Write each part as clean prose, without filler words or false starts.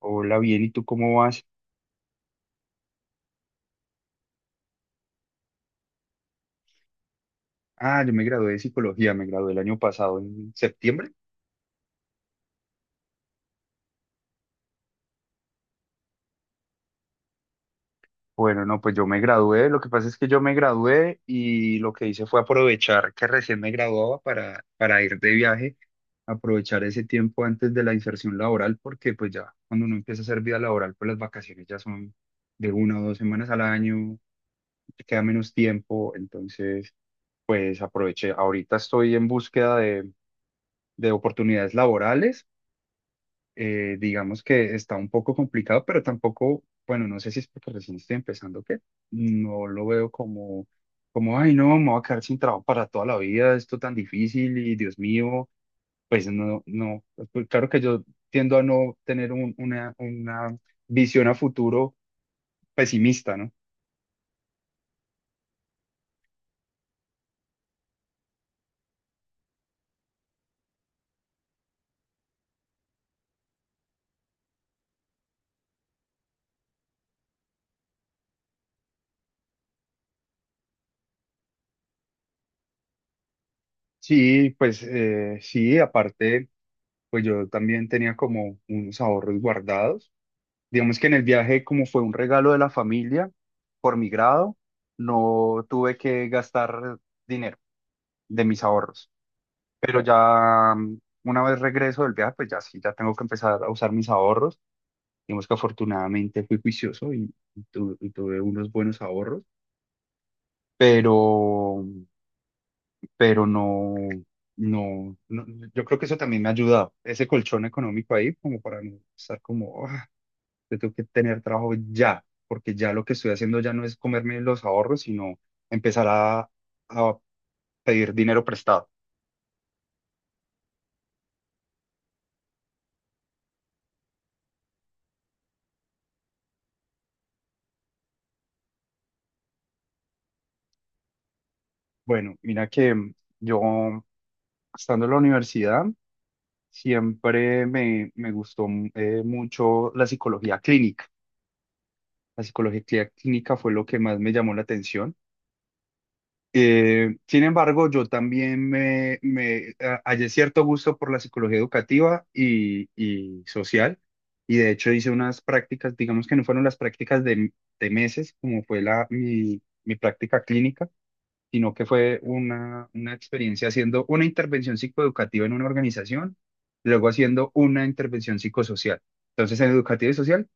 Hola, bien, ¿y tú cómo vas? Ah, yo me gradué de psicología, me gradué el año pasado en septiembre. Bueno, no, pues yo me gradué, lo que pasa es que yo me gradué y lo que hice fue aprovechar que recién me graduaba para ir de viaje, aprovechar ese tiempo antes de la inserción laboral, porque pues ya cuando uno empieza a hacer vida laboral, pues las vacaciones ya son de una o dos semanas al año, te queda menos tiempo, entonces pues aproveché. Ahorita estoy en búsqueda de oportunidades laborales. Digamos que está un poco complicado, pero tampoco, bueno, no sé si es porque recién estoy empezando, que no lo veo como, como, ay, no, me voy a quedar sin trabajo para toda la vida, esto tan difícil y Dios mío, pues no, pues, claro que yo tiendo a no tener una visión a futuro pesimista, ¿no? Sí, pues sí, aparte, pues yo también tenía como unos ahorros guardados. Digamos que en el viaje, como fue un regalo de la familia por mi grado, no tuve que gastar dinero de mis ahorros. Pero ya una vez regreso del viaje, pues ya sí, ya tengo que empezar a usar mis ahorros. Digamos que afortunadamente fui juicioso y y tuve unos buenos ahorros, pero, pero no, no, no- yo creo que eso también me ha ayudado, ese colchón económico ahí, como para no estar como, yo tengo que tener trabajo ya, porque ya lo que estoy haciendo ya no es comerme los ahorros, sino empezar a pedir dinero prestado. Bueno, mira que yo, estando en la universidad, siempre me gustó mucho la psicología clínica. La psicología clínica fue lo que más me llamó la atención. Sin embargo, yo también me hallé cierto gusto por la psicología educativa y social, y de hecho hice unas prácticas, digamos que no fueron las prácticas de meses, como fue mi práctica clínica, sino que fue una experiencia haciendo una intervención psicoeducativa en una organización, luego haciendo una intervención psicosocial. Entonces, en educativa y social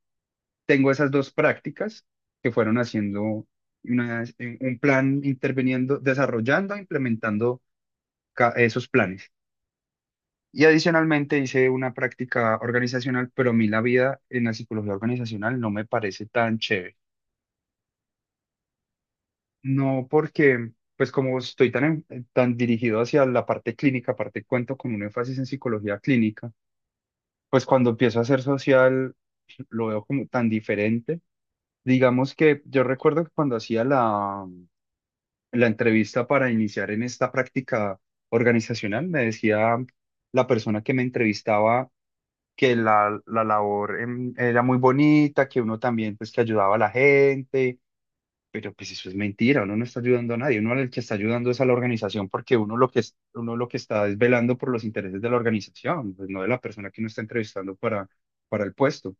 tengo esas dos prácticas que fueron haciendo un plan, interviniendo, desarrollando, implementando esos planes. Y adicionalmente hice una práctica organizacional, pero a mí la vida en la psicología organizacional no me parece tan chévere. No porque, pues como estoy tan, tan dirigido hacia la parte clínica, aparte cuento con un énfasis en psicología clínica, pues cuando empiezo a hacer social lo veo como tan diferente. Digamos que yo recuerdo que cuando hacía la entrevista para iniciar en esta práctica organizacional, me decía la persona que me entrevistaba que la labor era muy bonita, que uno también pues que ayudaba a la gente, pero pues eso es mentira, uno no está ayudando a nadie, uno al que está ayudando es a la organización porque uno lo que, es- uno lo que está es velando por los intereses de la organización, pues no de la persona que uno está entrevistando para el puesto.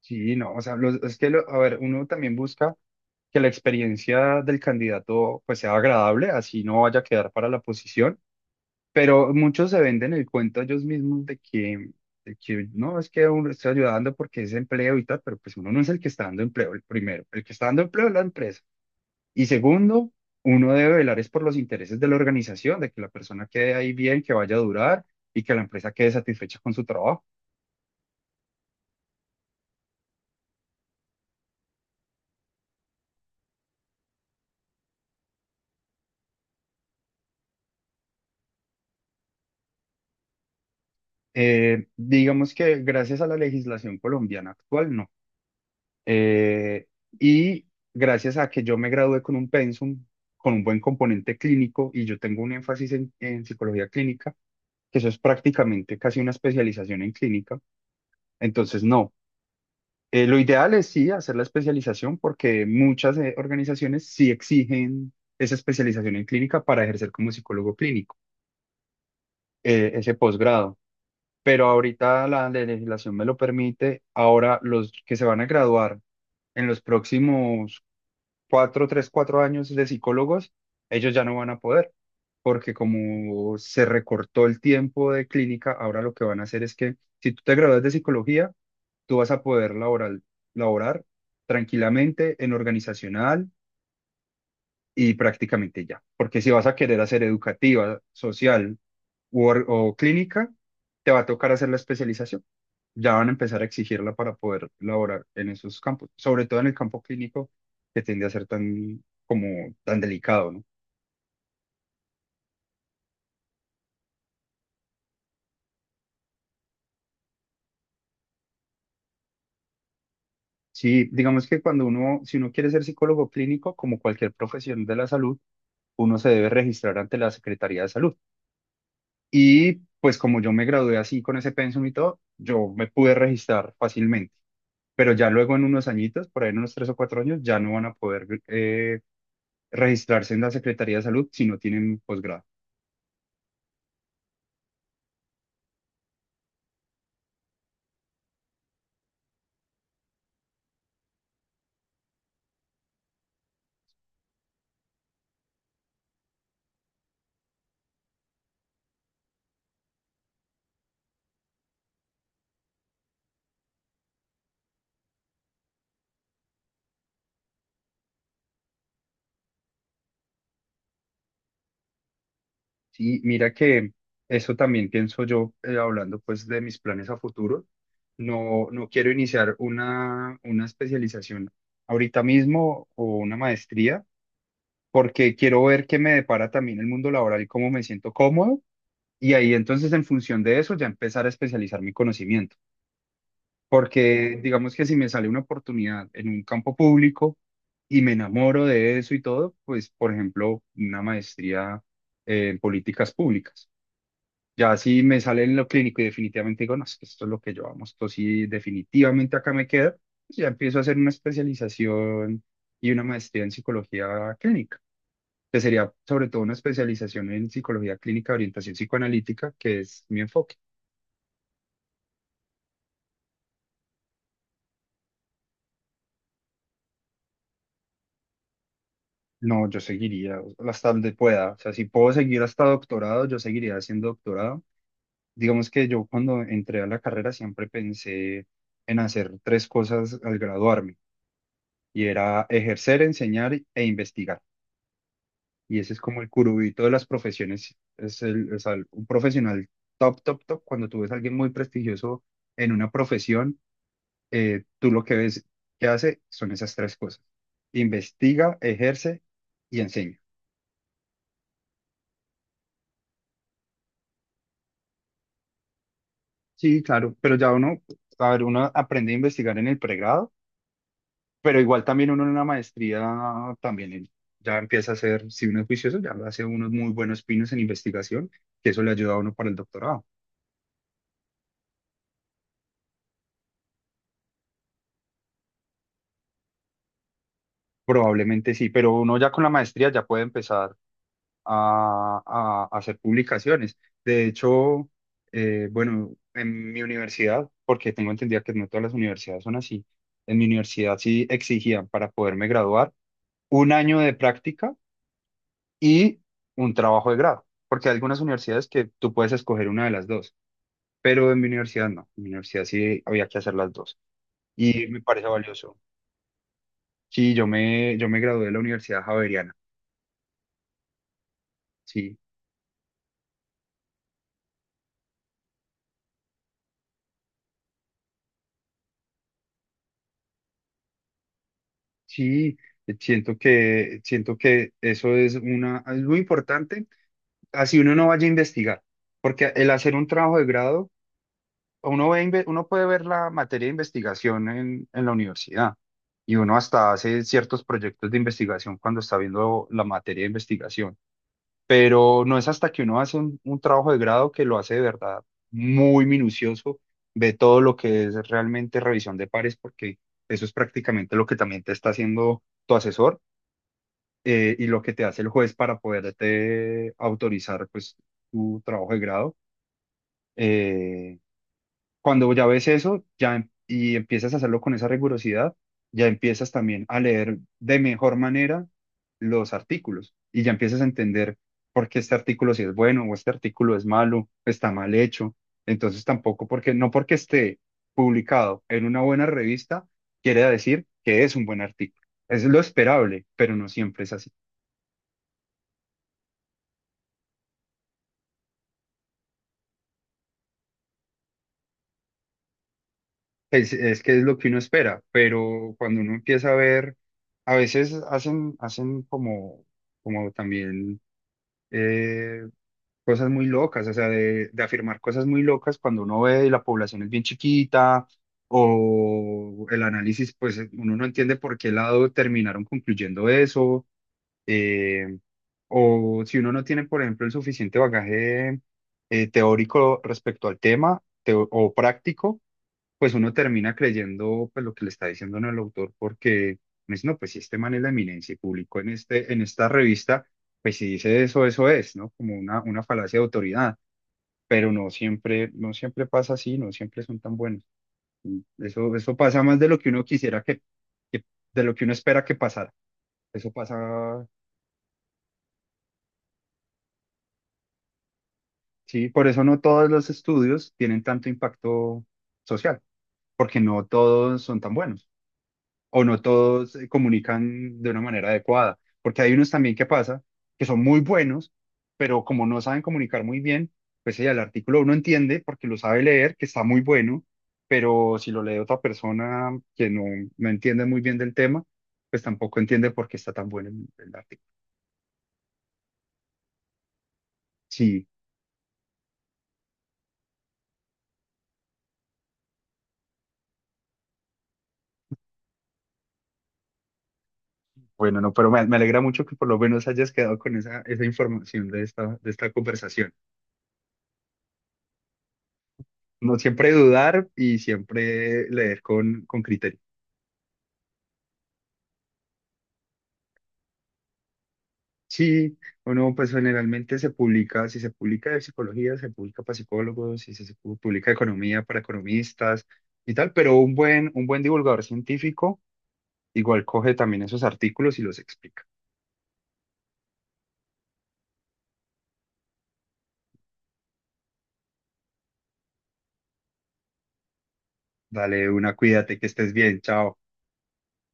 Sí, no, o sea, los- es que, lo- a ver, uno también busca que la experiencia del candidato pues sea agradable, así no vaya a quedar para la posición, pero muchos se venden el cuento ellos mismos de que no, es que uno está ayudando porque es empleo y tal, pero pues uno no es el que está dando empleo, el primero, el que está dando empleo es la empresa. Y segundo, uno debe velar es por los intereses de la organización, de que la persona quede ahí bien, que vaya a durar y que la empresa quede satisfecha con su trabajo. Digamos que gracias a la legislación colombiana actual, no. Eh, y gracias a que yo me gradué con un pensum, con un buen componente clínico, y yo tengo un énfasis en psicología clínica, que eso es prácticamente casi una especialización en clínica, entonces no. Lo ideal es sí hacer la especialización porque muchas organizaciones sí exigen esa especialización en clínica para ejercer como psicólogo clínico, ese posgrado. Pero ahorita la legislación me lo permite. Ahora los que se van a graduar en los próximos cuatro, tres, cuatro años de psicólogos, ellos ya no van a poder, porque como se recortó el tiempo de clínica, ahora lo que van a hacer es que si tú te gradúas de psicología, tú vas a poder laboral, laborar tranquilamente en organizacional y prácticamente ya, porque si vas a querer hacer educativa, social o clínica, te va a tocar hacer la especialización. Ya van a empezar a exigirla para poder laborar en esos campos, sobre todo en el campo clínico que tiende a ser tan como tan delicado, ¿no? Sí, digamos que cuando uno, si uno quiere ser psicólogo clínico, como cualquier profesión de la salud, uno se debe registrar ante la Secretaría de Salud. Y pues como yo me gradué así con ese pensum y todo, yo me pude registrar fácilmente. Pero ya luego en unos añitos, por ahí en unos tres o cuatro años, ya no van a poder registrarse en la Secretaría de Salud si no tienen posgrado. Sí, mira que eso también pienso yo, hablando pues de mis planes a futuro. No, no quiero iniciar una especialización ahorita mismo o una maestría, porque quiero ver qué me depara también el mundo laboral y cómo me siento cómodo. Y ahí entonces en función de eso ya empezar a especializar mi conocimiento. Porque digamos que si me sale una oportunidad en un campo público y me enamoro de eso y todo, pues por ejemplo, una maestría en políticas públicas. Ya si me sale en lo clínico y definitivamente digo, no, es que esto es lo que yo amo, esto sí definitivamente acá me quedo, pues ya empiezo a hacer una especialización y una maestría en psicología clínica, que sería sobre todo una especialización en psicología clínica, orientación psicoanalítica, que es mi enfoque. No, yo seguiría hasta donde pueda, o sea, si puedo seguir hasta doctorado, yo seguiría haciendo doctorado. Digamos que yo cuando entré a la carrera siempre pensé en hacer tres cosas al graduarme, y era ejercer, enseñar e investigar. Y ese es como el curubito de las profesiones. Es el, o sea, un profesional top, top, top. Cuando tú ves a alguien muy prestigioso en una profesión, tú lo que ves que hace son esas tres cosas. Investiga, ejerce y enseña. Sí, claro, pero ya uno, a ver, uno aprende a investigar en el pregrado, pero igual también uno en una maestría también en- ya empieza a hacer si uno es juicioso, ya hace unos muy buenos pinos en investigación, que eso le ayuda a uno para el doctorado. Probablemente sí, pero uno ya con la maestría ya puede empezar a, a hacer publicaciones. De hecho, bueno, en mi universidad, porque tengo entendido que no todas las universidades son así, en mi universidad sí exigían para poderme graduar un año de práctica y un trabajo de grado, porque hay algunas universidades que tú puedes escoger una de las dos, pero en mi universidad no, en mi universidad sí había que hacer las dos y me parece valioso. Sí, yo me gradué de la Universidad Javeriana. Sí. Sí, siento que eso es una, es muy importante, así uno no vaya a investigar, porque el hacer un trabajo de grado, uno ve, inve- uno puede ver la materia de investigación en la universidad y uno hasta hace ciertos proyectos de investigación cuando está viendo la materia de investigación, pero no es hasta que uno hace un trabajo de grado que lo hace de verdad muy minucioso, ve todo lo que es realmente revisión de pares, porque eso es prácticamente lo que también te está haciendo tu asesor, y lo que te hace el juez para poderte autorizar pues tu trabajo de grado. Eh, Cuando ya ves eso ya, y empiezas a hacerlo con esa rigurosidad, ya empiezas también a leer de mejor manera los artículos y ya empiezas a entender por qué este artículo sí es bueno o este artículo es malo, está mal hecho. Entonces tampoco porque, no porque esté publicado en una buena revista, quiere decir que es un buen artículo. Es lo esperable, pero no siempre es así. Pues es que es lo que uno espera, pero cuando uno empieza a ver, a veces hacen, hacen como, como también eh, cosas muy locas, o sea, de afirmar cosas muy locas cuando uno ve y la población es bien chiquita o el análisis, pues uno no entiende por qué lado terminaron concluyendo eso, eh, o si uno no tiene, por ejemplo, el suficiente bagaje teórico respecto al tema o práctico, pues uno termina creyendo pues, lo que le está diciendo ¿no? el autor, porque me dice, no, pues si este man es la eminencia y publicó en, este, en esta revista, pues si dice eso, eso es, ¿no? Como una falacia de autoridad, pero no siempre, no siempre pasa así, no siempre son tan buenos. Y eso pasa más de lo que uno quisiera que- de lo que uno espera que pasara. Eso pasa, sí, por eso no todos los estudios tienen tanto impacto social, porque no todos son tan buenos. O no todos comunican de una manera adecuada, porque hay unos también que pasa que son muy buenos, pero como no saben comunicar muy bien, pues ya el artículo uno entiende porque lo sabe leer, que está muy bueno, pero si lo lee otra persona que no, no entiende muy bien del tema, pues tampoco entiende por qué está tan bueno el artículo. Sí, bueno, no, pero me alegra mucho que por lo menos hayas quedado con esa, esa información de esta conversación. No siempre dudar y siempre leer con criterio. Sí, o no, pues generalmente se publica, si se publica de psicología, se publica para psicólogos, si se pu- publica de economía para economistas y tal, pero un buen divulgador científico igual coge también esos artículos y los explica. Dale una, cuídate, que estés bien, chao.